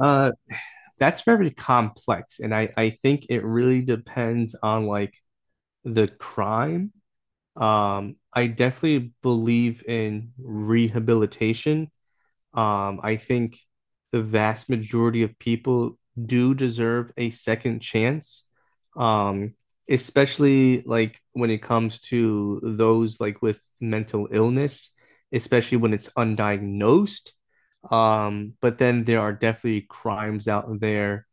Uh, that's very complex, and I think it really depends on like the crime. I definitely believe in rehabilitation. I think the vast majority of people do deserve a second chance. Um, Especially like when it comes to those like with mental illness, especially when it's undiagnosed. But then there are definitely crimes out there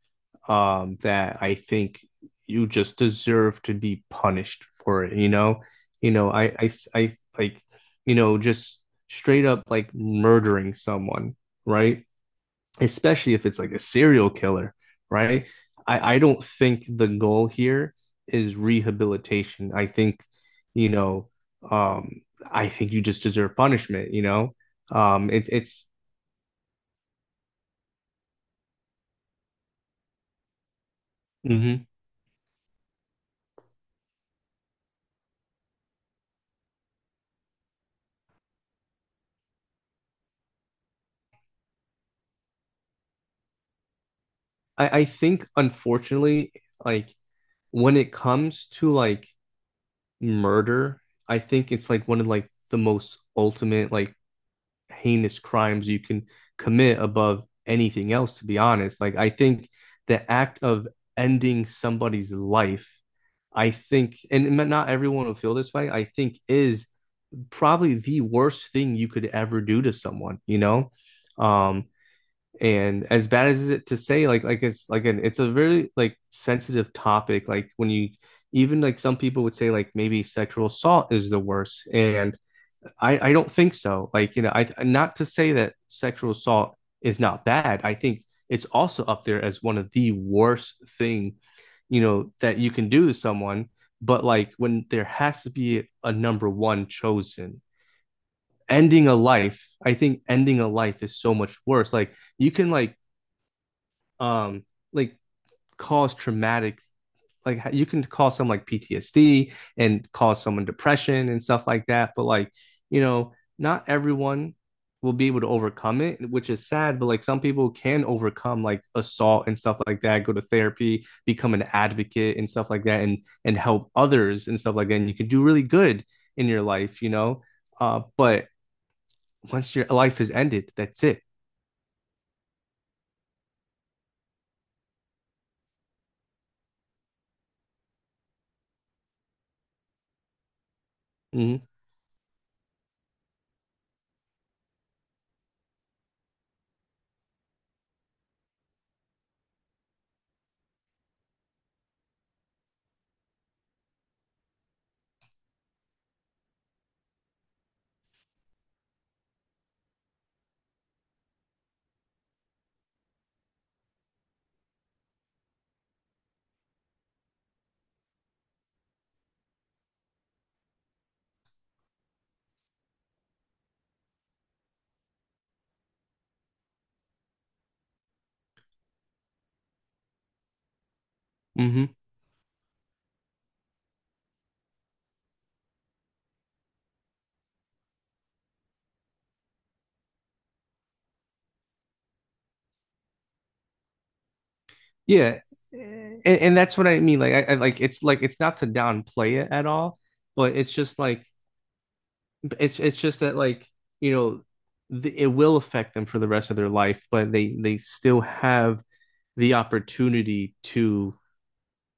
that I think you just deserve to be punished for it. You know, I like, you know, Just straight up like murdering someone, right? Especially if it's like a serial killer, right? I don't think the goal here is rehabilitation. I think, you know, um, I think you just deserve punishment. It, it's. Mm-hmm. I think unfortunately, like when it comes to like murder, I think it's like one of like the most ultimate like heinous crimes you can commit above anything else, to be honest. Like I think the act of ending somebody's life, I think, and not everyone will feel this way, I think is probably the worst thing you could ever do to someone. Um, and as bad as it to say, like it's like an it's a very like sensitive topic. Like when you even like some people would say like maybe sexual assault is the worst. And I don't think so. Like, I not to say that sexual assault is not bad. I think it's also up there as one of the worst thing, that you can do to someone. But like when there has to be a number one chosen, ending a life, I think ending a life is so much worse. Like you can um like cause traumatic like you can cause some like PTSD and cause someone depression and stuff like that but like not everyone will be able to overcome it which is sad but like some people can overcome like assault and stuff like that, go to therapy, become an advocate and stuff like that and help others and stuff like that, and you can do really good in your life. But once your life is ended, that's it. Hmm. Hmm. Yeah, and that's what I mean. Like, I like it's not to downplay it at all, but it's just like it's just that like you know the, it will affect them for the rest of their life, but they still have the opportunity to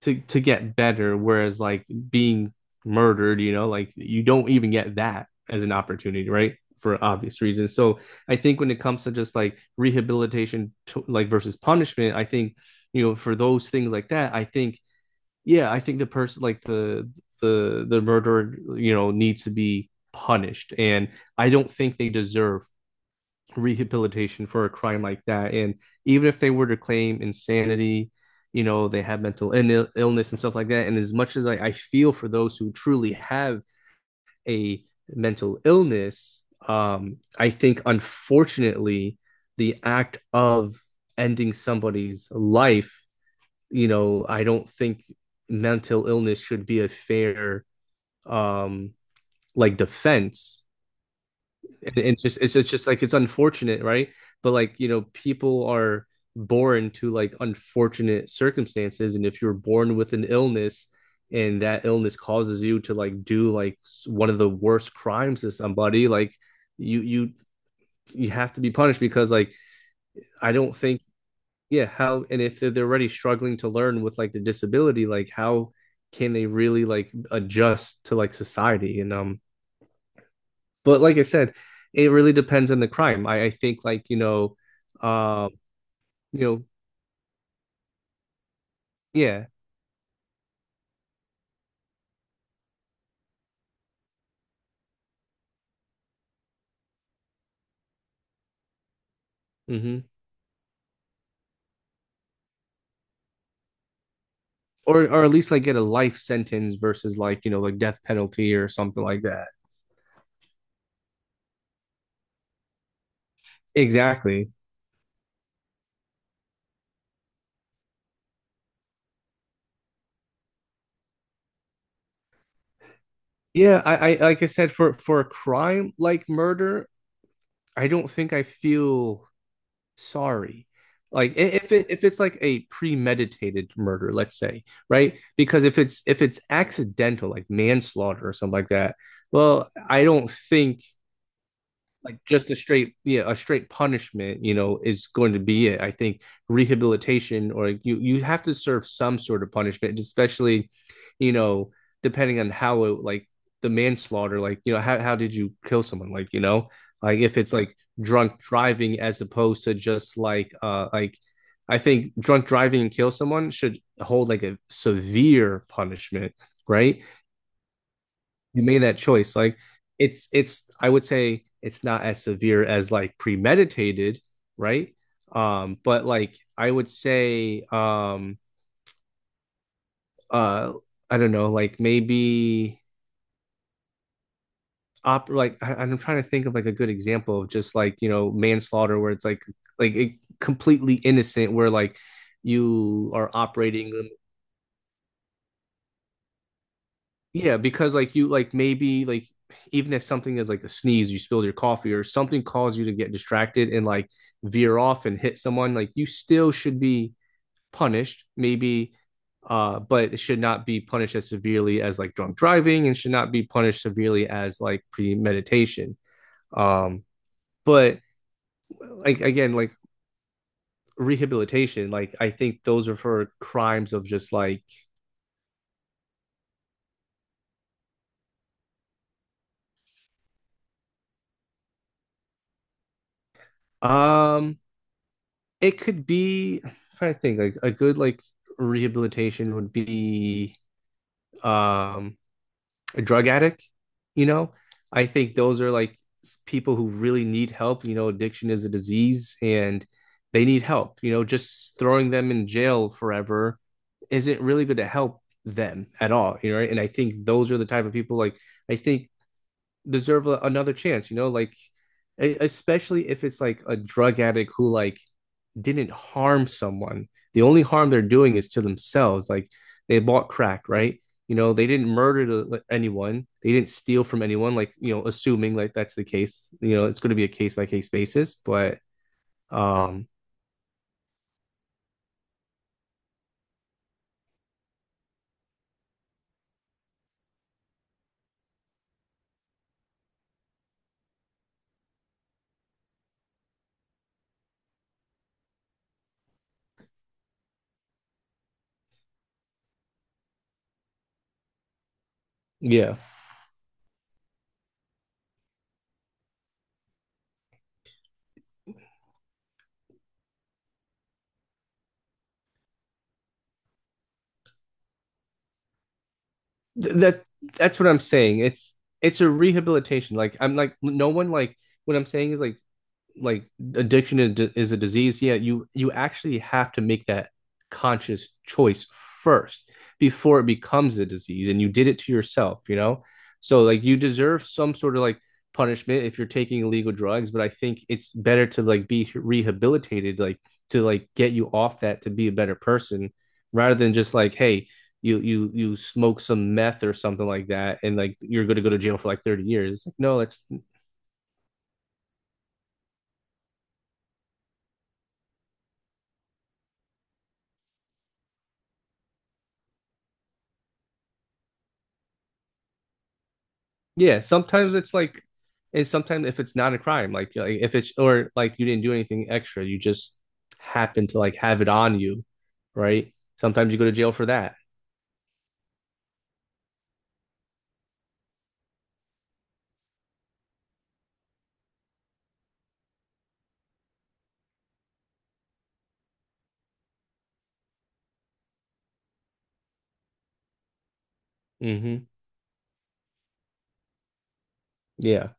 to get better. Whereas like being murdered, you know, like you don't even get that as an opportunity, right? For obvious reasons. So I think when it comes to just like rehabilitation, like versus punishment, I think for those things like that, I think yeah, I think the person like the the murderer, you know, needs to be punished. And I don't think they deserve rehabilitation for a crime like that. And even if they were to claim insanity, you know, they have mental Ill- illness and stuff like that. And as much as I feel for those who truly have a mental illness, I think unfortunately the act of ending somebody's life, I don't think mental illness should be a fair um like defense. And just it's just like it's unfortunate, right? But like, you know, people are born to like unfortunate circumstances, and if you're born with an illness and that illness causes you to like do like one of the worst crimes to somebody, like you you you have to be punished because like I don't think yeah how, and if they're already struggling to learn with like the disability, like how can they really like adjust to like society, and but like I said, it really depends on the crime. I think like um you know yeah. Hmm. Or at least like get a life sentence versus like you know like death penalty or something like that. Exactly. Yeah, I like I said, for a crime like murder, I don't think I feel sorry. Like if it if it's like a premeditated murder, let's say, right? Because if it's accidental, like manslaughter or something like that, well, I don't think like just a straight yeah a straight punishment, you know, is going to be it. I think rehabilitation or you have to serve some sort of punishment, especially, you know, depending on how it like the manslaughter, like you know how did you kill someone, like you know, like if it's like drunk driving as opposed to just like I think drunk driving and kill someone should hold like a severe punishment, right? You made that choice. Like it's I would say it's not as severe as like premeditated, right? But like I would say uh I don't know, like maybe op like I'm trying to think of like a good example of just like, you know, manslaughter where it's like like it, completely innocent where like you are operating. Yeah, because like you like maybe like even if something is like a sneeze, you spilled your coffee or something caused you to get distracted and like veer off and hit someone, like you still should be punished, maybe. But it should not be punished as severely as like drunk driving, and should not be punished severely as like premeditation. Um, but like again, like rehabilitation, like I think those are for crimes of just like um it could be. I'm trying to think like a good like rehabilitation would be um a drug addict, you know? I think those are like s- people who really need help, you know, addiction is a disease and they need help. You know, just throwing them in jail forever isn't really going to help them at all, you know, right? And I think those are the type of people like I think deserve a, another chance, you know, like e- especially if it's like a drug addict who like didn't harm someone. The only harm they're doing is to themselves. Like they bought crack, right? You know, they didn't murder anyone. They didn't steal from anyone. Like you know, assuming like that's the case. You know, it's going to be a case by case basis. But um, yeah. That that's what I'm saying. It's a rehabilitation. Like I'm like no one like what I'm saying is like like addiction is a disease, yeah, you actually have to make that conscious choice first before it becomes a disease, and you did it to yourself, you know, so like you deserve some sort of like punishment if you're taking illegal drugs, but I think it's better to like be rehabilitated, like to like get you off that, to be a better person, rather than just like hey, you smoke some meth or something like that and like you're going to go to jail for like 30 years, it's like no, that's Yeah, sometimes it's like, and sometimes if it's not a crime, like if it's or like you didn't do anything extra, you just happen to like have it on you, right? Sometimes you go to jail for that. Hmm. Yeah,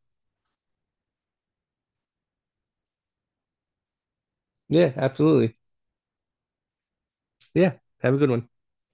yeah, absolutely. Yeah, have a good one.